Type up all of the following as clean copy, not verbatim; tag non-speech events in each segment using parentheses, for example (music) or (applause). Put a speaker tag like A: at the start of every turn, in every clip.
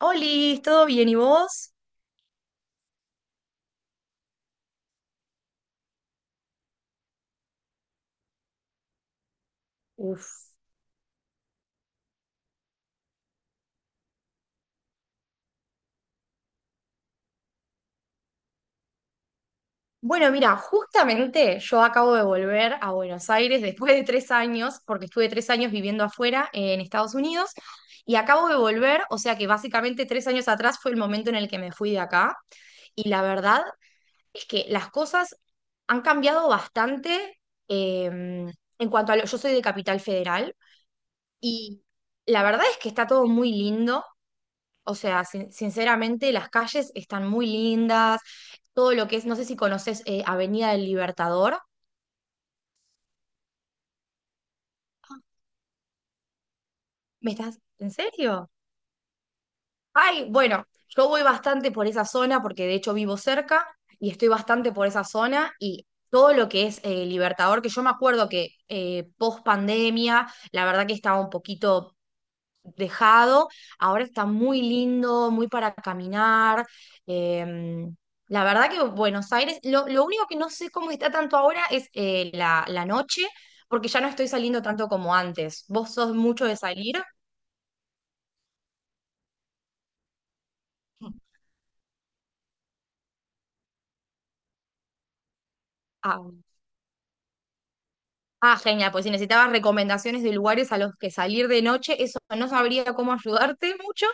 A: Oli, ¿todo bien? ¿Y vos? Uf. Bueno, mira, justamente yo acabo de volver a Buenos Aires después de 3 años, porque estuve 3 años viviendo afuera en Estados Unidos, y acabo de volver, o sea que básicamente 3 años atrás fue el momento en el que me fui de acá, y la verdad es que las cosas han cambiado bastante, eh, en cuanto a lo, yo soy de Capital Federal, y la verdad es que está todo muy lindo. O sea, sinceramente, las calles están muy lindas. Todo lo que es, no sé si conoces Avenida del Libertador. ¿Me estás? ¿En serio? Ay, bueno, yo voy bastante por esa zona porque de hecho vivo cerca y estoy bastante por esa zona y todo lo que es Libertador, que yo me acuerdo que post pandemia, la verdad que estaba un poquito dejado, ahora está muy lindo, muy para caminar. eh, la verdad que Buenos Aires, lo único que no sé cómo está tanto ahora es la noche, porque ya no estoy saliendo tanto como antes. ¿Vos sos mucho de salir? Ah, ah, genial, pues si necesitabas recomendaciones de lugares a los que salir de noche, eso no sabría cómo ayudarte mucho,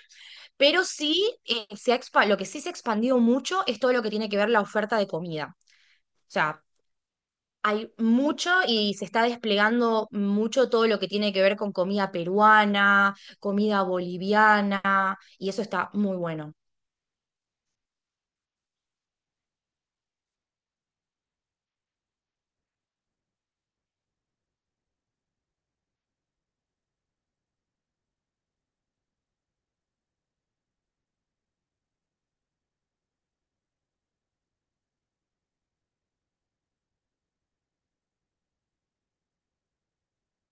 A: pero sí, lo que sí se ha expandido mucho es todo lo que tiene que ver la oferta de comida. O sea, hay mucho y se está desplegando mucho todo lo que tiene que ver con comida peruana, comida boliviana, y eso está muy bueno.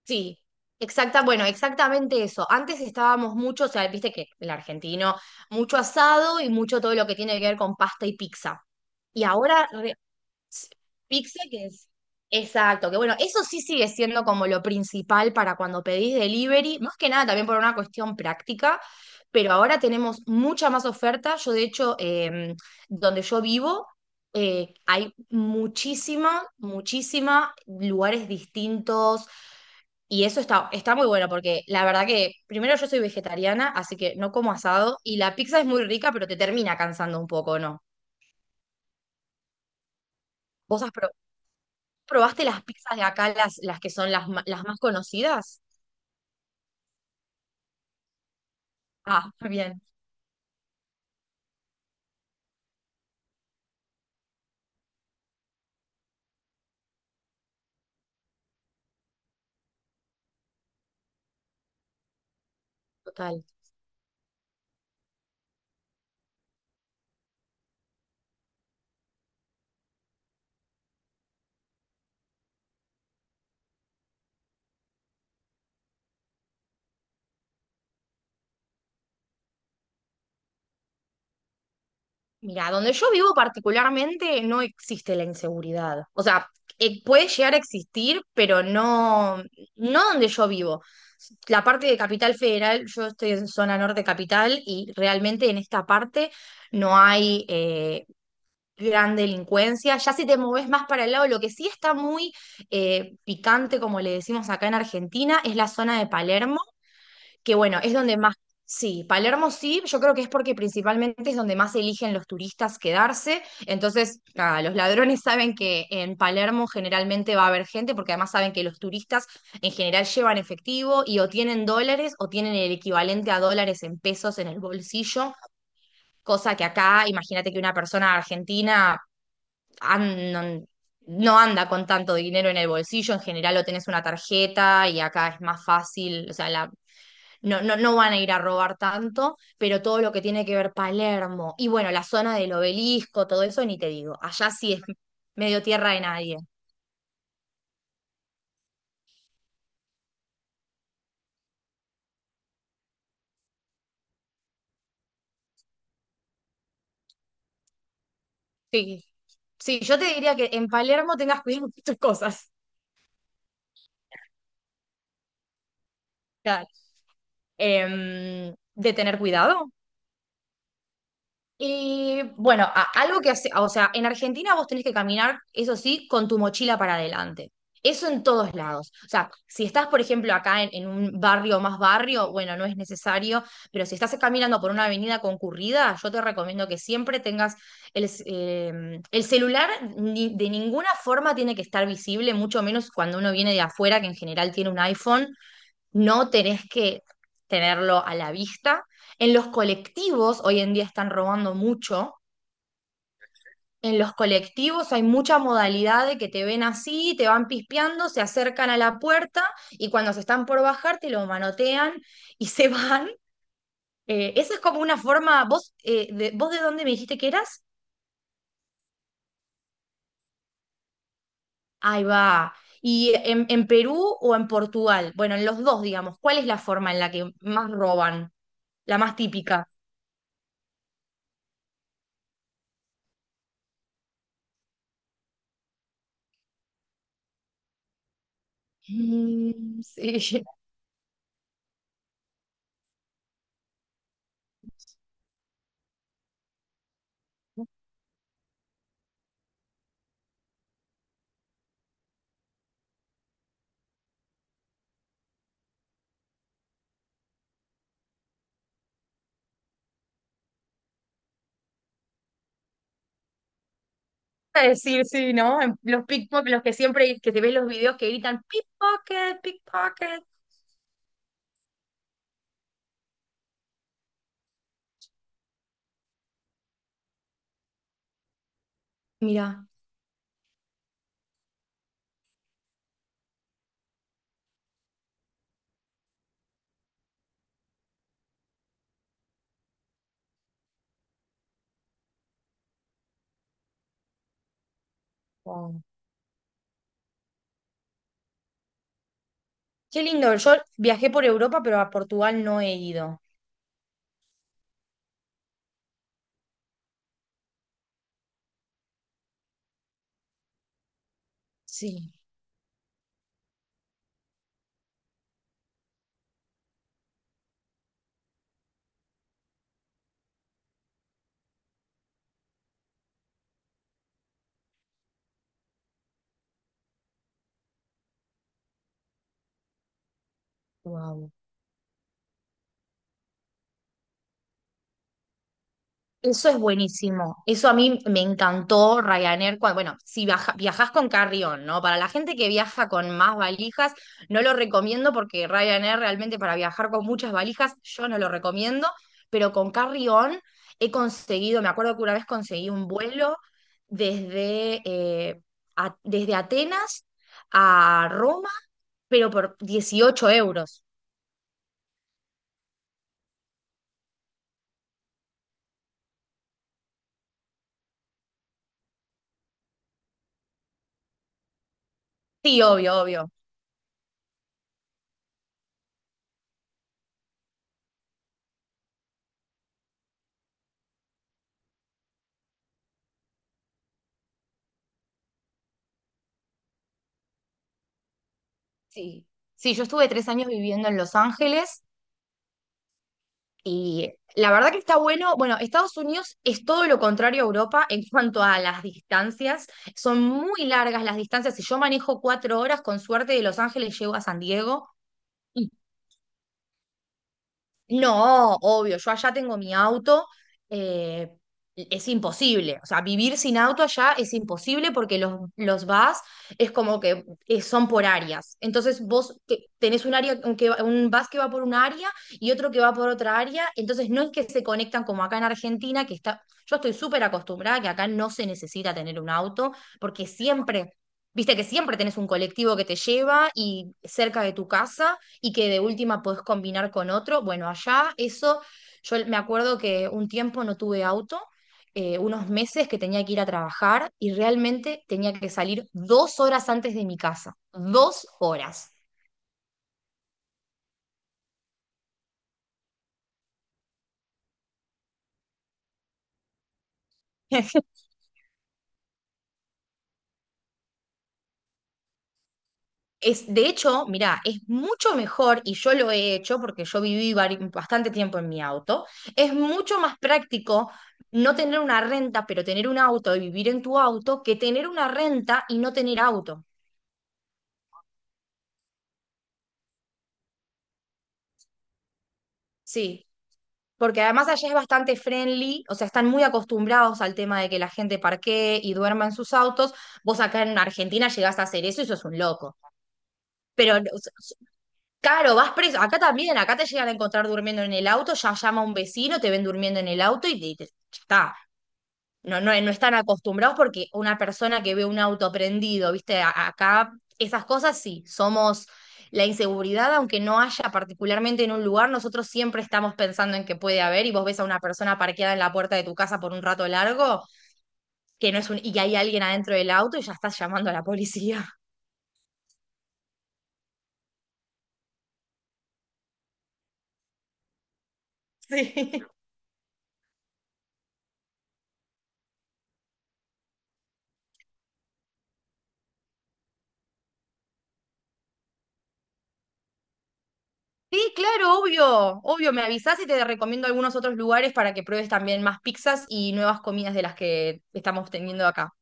A: Sí, exacta, bueno, exactamente eso. Antes estábamos mucho, o sea, viste que el argentino, mucho asado y mucho todo lo que tiene que ver con pasta y pizza. Y ahora re- Sí. Pizza que es. Exacto, que bueno, eso sí sigue siendo como lo principal para cuando pedís delivery, más que nada también por una cuestión práctica, pero ahora tenemos mucha más oferta. Yo, de hecho, donde yo vivo, hay muchísima, muchísima lugares distintos y eso está, está muy bueno porque la verdad que primero yo soy vegetariana, así que no como asado y la pizza es muy rica, pero te termina cansando un poco, ¿no? ¿Vos has, pro- ¿Probaste las pizzas de acá, las que son las más conocidas? Ah, bien, total. Mira, donde yo vivo particularmente no existe la inseguridad. O sea, puede llegar a existir, pero no, no donde yo vivo. La parte de Capital Federal, yo estoy en zona norte capital y realmente en esta parte no hay gran delincuencia. Ya si te moves más para el lado, lo que sí está muy picante, como le decimos acá en Argentina, es la zona de Palermo, que bueno, es donde más, sí, Palermo sí, yo creo que es porque principalmente es donde más eligen los turistas quedarse, entonces nada, los ladrones (laughs) saben que en Palermo generalmente va a haber gente, porque además saben que los turistas en general llevan efectivo y o tienen dólares o tienen el equivalente a dólares en pesos en el bolsillo, cosa que acá, imagínate que una persona argentina... an- no no anda con tanto dinero en el bolsillo, en general o tenés una tarjeta y acá es más fácil, o sea, la, no, no, no van a ir a robar tanto, pero todo lo que tiene que ver Palermo y bueno, la zona del obelisco, todo eso, ni te digo. Allá sí es medio tierra de nadie. Sí, sí, yo te diría que en Palermo tengas cuidado con tus cosas. Claro. De tener cuidado, y bueno, algo que hace, o sea, en Argentina vos tenés que caminar, eso sí, con tu mochila para adelante. Eso en todos lados. O sea, si estás, por ejemplo, acá en un barrio más barrio, bueno, no es necesario, pero si estás caminando por una avenida concurrida, yo te recomiendo que siempre tengas el celular, de ninguna forma tiene que estar visible, mucho menos cuando uno viene de afuera, que en general tiene un iPhone, no tenés que tenerlo a la vista. En los colectivos, hoy en día están robando mucho. En los colectivos hay mucha modalidad de que te ven así, te van pispeando, se acercan a la puerta y cuando se están por bajar te lo manotean y se van. Esa es como una forma, vos, de, ¿vos de dónde me dijiste que eras? Ahí va. ¿Y en Perú o en Portugal? Bueno, en los dos, digamos, ¿cuál es la forma en la que más roban? La más típica. Mm, sí. A decir, sí, ¿no? En los pickpockets, los que siempre, que te ves los videos que gritan pickpocket, pickpocket. Mira, wow. Qué lindo. Yo viajé por Europa, pero a Portugal no he ido. Sí, guau. Eso es buenísimo. Eso a mí me encantó Ryanair. Bueno, si viajas con carrión, ¿no? Para la gente que viaja con más valijas, no lo recomiendo porque Ryanair realmente para viajar con muchas valijas, yo no lo recomiendo. Pero con carrión he conseguido, me acuerdo que una vez conseguí un vuelo desde, desde Atenas a Roma, pero por 18 euros. Sí, obvio, obvio. Sí. Sí, yo estuve 3 años viviendo en Los Ángeles. Y la verdad que está bueno. Bueno, Estados Unidos es todo lo contrario a Europa en cuanto a las distancias. Son muy largas las distancias. Si yo manejo 4 horas, con suerte de Los Ángeles llego a San Diego. No, obvio, yo allá tengo mi auto, eh, es imposible, o sea, vivir sin auto allá es imposible porque los VAS es como que son por áreas, entonces vos tenés un área, un, que, un bus que va por un área y otro que va por otra área, entonces no es que se conectan como acá en Argentina, que está, yo estoy súper acostumbrada que acá no se necesita tener un auto porque siempre, viste que siempre tenés un colectivo que te lleva y cerca de tu casa y que de última podés combinar con otro. Bueno, allá eso, yo me acuerdo que un tiempo no tuve auto, unos meses que tenía que ir a trabajar y realmente tenía que salir 2 horas antes de mi casa, 2 horas. (laughs) Es, de hecho, mira, es mucho mejor, y yo lo he hecho porque yo viví bastante tiempo en mi auto, es mucho más práctico no tener una renta, pero tener un auto y vivir en tu auto, que tener una renta y no tener auto. Sí, porque además allá es bastante friendly, o sea, están muy acostumbrados al tema de que la gente parquee y duerma en sus autos. Vos acá en Argentina llegás a hacer eso y sos un loco. Pero, o sea, claro, vas preso. Acá también, acá te llegan a encontrar durmiendo en el auto, ya llama un vecino, te ven durmiendo en el auto y ya está. No, no, no están acostumbrados porque una persona que ve un auto prendido, viste, acá esas cosas sí, somos la inseguridad, aunque no haya particularmente en un lugar, nosotros siempre estamos pensando en que puede haber y vos ves a una persona parqueada en la puerta de tu casa por un rato largo, que no es un, y que hay alguien adentro del auto y ya estás llamando a la policía. (laughs) Sí. Sí, claro, obvio, obvio, me avisás y te recomiendo algunos otros lugares para que pruebes también más pizzas y nuevas comidas de las que estamos teniendo acá.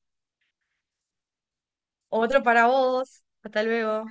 A: Otro para vos, hasta luego.